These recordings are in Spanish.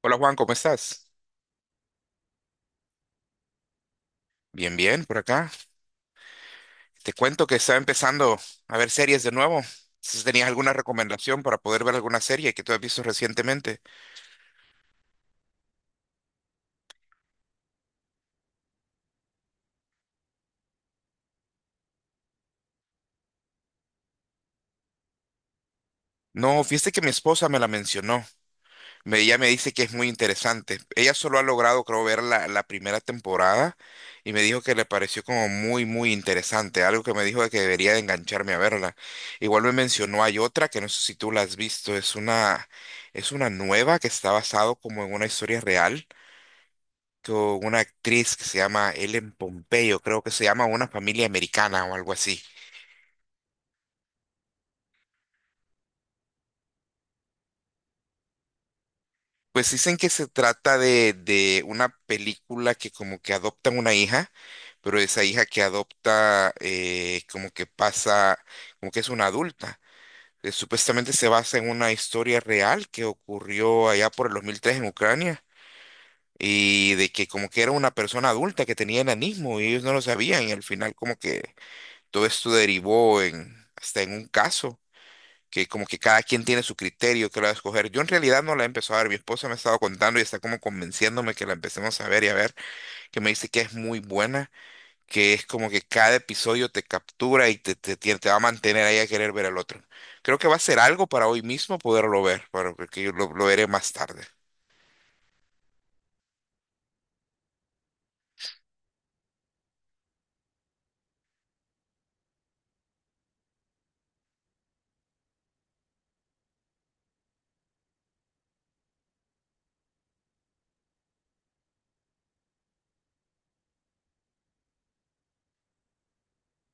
Hola Juan, ¿cómo estás? Bien, bien, por acá. Te cuento que estaba empezando a ver series de nuevo. Si tenías alguna recomendación para poder ver alguna serie que tú has visto recientemente. No, fíjate que mi esposa me la mencionó. Ella me dice que es muy interesante. Ella solo ha logrado, creo, ver la primera temporada y me dijo que le pareció como muy, muy interesante. Algo que me dijo de que debería de engancharme a verla. Igual me mencionó, hay otra que no sé si tú la has visto. Es una nueva que está basado como en una historia real con una actriz que se llama Ellen Pompeyo, creo que se llama Una familia americana o algo así. Pues dicen que se trata de una película que como que adoptan una hija, pero esa hija que adopta como que pasa, como que es una adulta. Supuestamente se basa en una historia real que ocurrió allá por el 2003 en Ucrania y de que como que era una persona adulta que tenía enanismo y ellos no lo sabían y al final como que todo esto derivó en hasta en un caso que como que cada quien tiene su criterio que lo va a escoger. Yo en realidad no la he empezado a ver, mi esposa me ha estado contando y está como convenciéndome que la empecemos a ver y a ver, que me dice que es muy buena, que es como que cada episodio te captura y te va a mantener ahí a querer ver al otro. Creo que va a ser algo para hoy mismo poderlo ver, para que yo lo veré más tarde.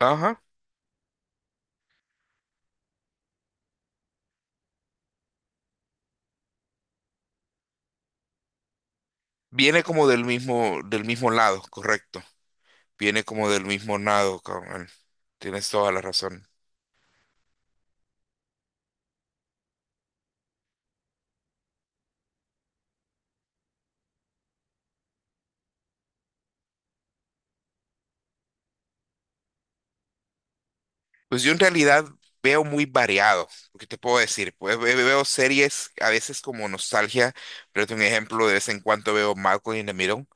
Ajá. Viene como del mismo lado, correcto. Viene como del mismo lado, cabrón. Tienes toda la razón. Pues yo en realidad veo muy variado, ¿qué te puedo decir? Pues veo series a veces como nostalgia, pero es un ejemplo, de vez en cuando veo Malcolm in the Middle,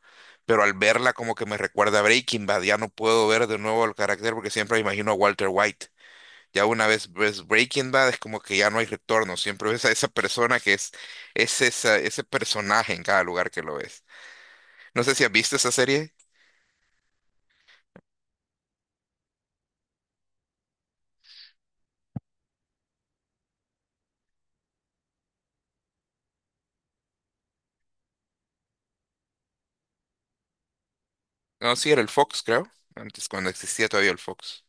pero al verla como que me recuerda a Breaking Bad, ya no puedo ver de nuevo el carácter porque siempre me imagino a Walter White. Ya una vez ves Breaking Bad es como que ya no hay retorno, siempre ves a esa persona que ese personaje en cada lugar que lo ves. No sé si has visto esa serie. No, sí, era el Fox, creo, antes cuando existía todavía el Fox.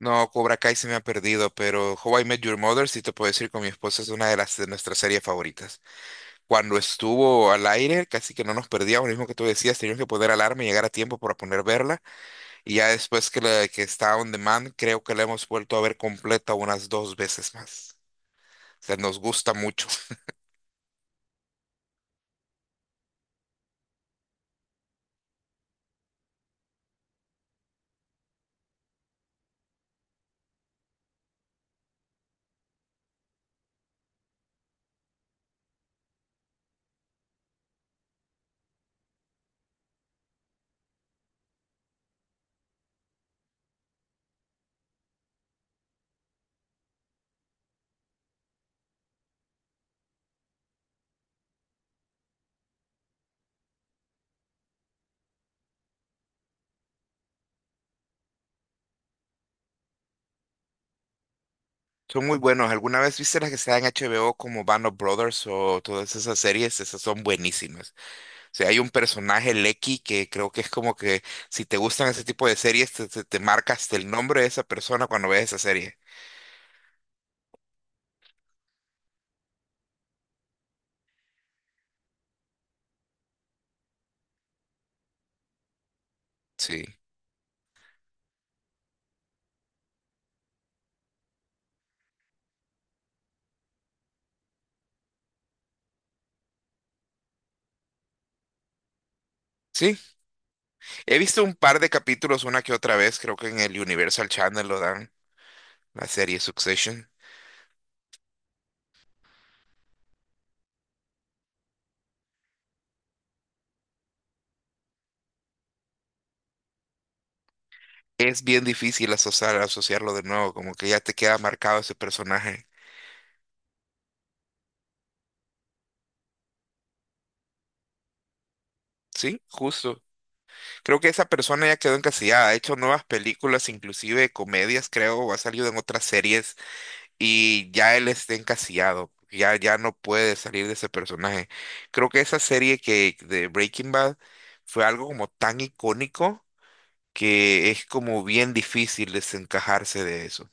No, Cobra Kai se me ha perdido, pero How I Met Your Mother, si te puedo decir, con mi esposa es una de las de nuestras series favoritas. Cuando estuvo al aire, casi que no nos perdíamos, lo mismo que tú decías, teníamos que poner alarma y llegar a tiempo para poner verla. Y ya después que está on demand, creo que la hemos vuelto a ver completa unas dos veces más. O sea, nos gusta mucho. Son muy buenos. ¿Alguna vez viste las que están en HBO como Band of Brothers o todas esas series? Esas son buenísimas. Sea, hay un personaje, Lecky, que creo que es como que si te gustan ese tipo de series, te marca hasta el nombre de esa persona cuando ves esa serie. Sí. Sí, he visto un par de capítulos una que otra vez, creo que en el Universal Channel lo dan, la serie Succession. Es bien difícil asociar, asociarlo de nuevo, como que ya te queda marcado ese personaje. Sí, justo. Creo que esa persona ya quedó encasillada, ha hecho nuevas películas, inclusive comedias, creo, o ha salido en otras series y ya él está encasillado, ya no puede salir de ese personaje. Creo que esa serie que de Breaking Bad fue algo como tan icónico que es como bien difícil desencajarse de eso.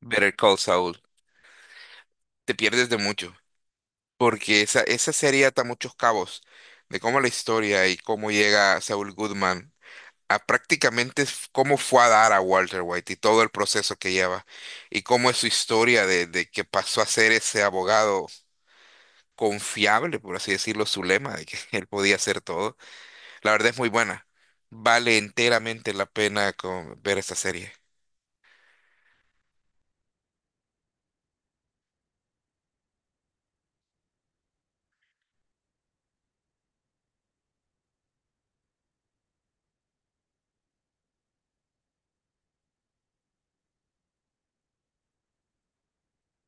Better Call Saul, te pierdes de mucho, porque esa serie ata muchos cabos de cómo la historia y cómo llega Saul Goodman. A prácticamente cómo fue a dar a Walter White y todo el proceso que lleva y cómo es su historia de que pasó a ser ese abogado confiable, por así decirlo, su lema de que él podía hacer todo. La verdad es muy buena. Vale enteramente la pena ver esta serie.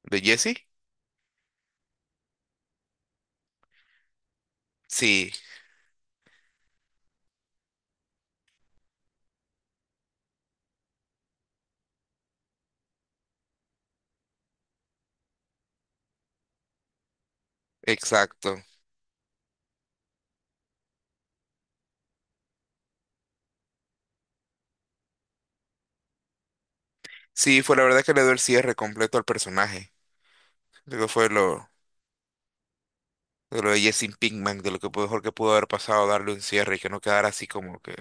¿De Jesse? Sí, exacto. Sí, fue la verdad que le dio el cierre completo al personaje. Luego fue lo de Jesse Pinkman, de lo que mejor que pudo haber pasado, darle un cierre y que no quedara así como que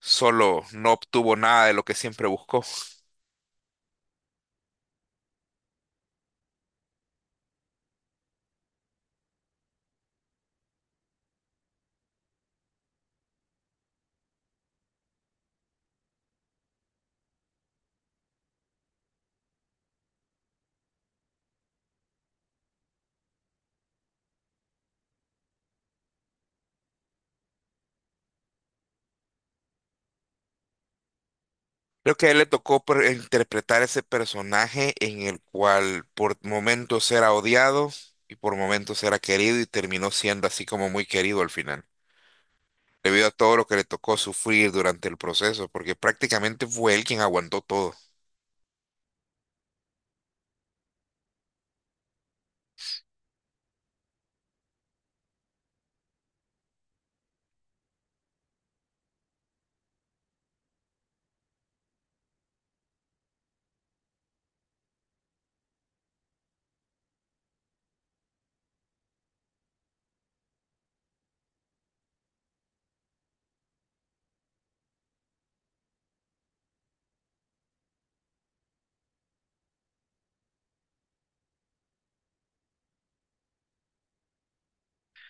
solo no obtuvo nada de lo que siempre buscó. Creo que a él le tocó interpretar ese personaje en el cual por momentos era odiado y por momentos era querido y terminó siendo así como muy querido al final, debido a todo lo que le tocó sufrir durante el proceso, porque prácticamente fue él quien aguantó todo.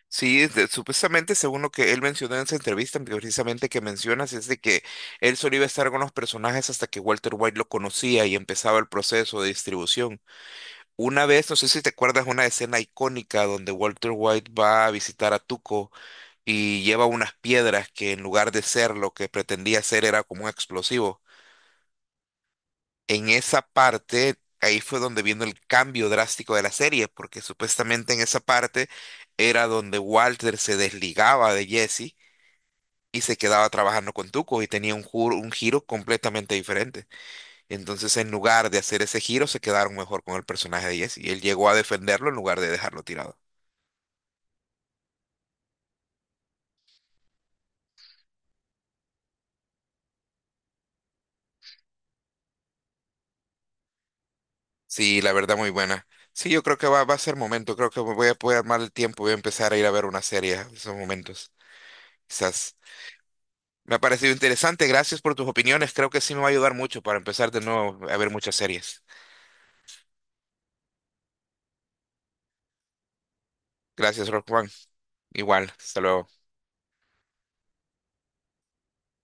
Sí, supuestamente según lo que él mencionó en esa entrevista, precisamente que mencionas, es de que él solo iba a estar con los personajes hasta que Walter White lo conocía y empezaba el proceso de distribución. Una vez, no sé si te acuerdas, una escena icónica donde Walter White va a visitar a Tuco y lleva unas piedras que en lugar de ser lo que pretendía ser era como un explosivo. En esa parte, ahí fue donde vino el cambio drástico de la serie, porque supuestamente en esa parte era donde Walter se desligaba de Jesse y se quedaba trabajando con Tuco y tenía un, un giro completamente diferente. Entonces, en lugar de hacer ese giro, se quedaron mejor con el personaje de Jesse y él llegó a defenderlo en lugar de dejarlo tirado. Sí, la verdad muy buena. Sí, yo creo que va a ser momento, creo que me voy a poder armar el tiempo, voy a empezar a ir a ver una serie en esos momentos. Quizás. Me ha parecido interesante, gracias por tus opiniones, creo que sí me va a ayudar mucho para empezar de nuevo a ver muchas series. Gracias, Rock Juan. Igual, hasta luego.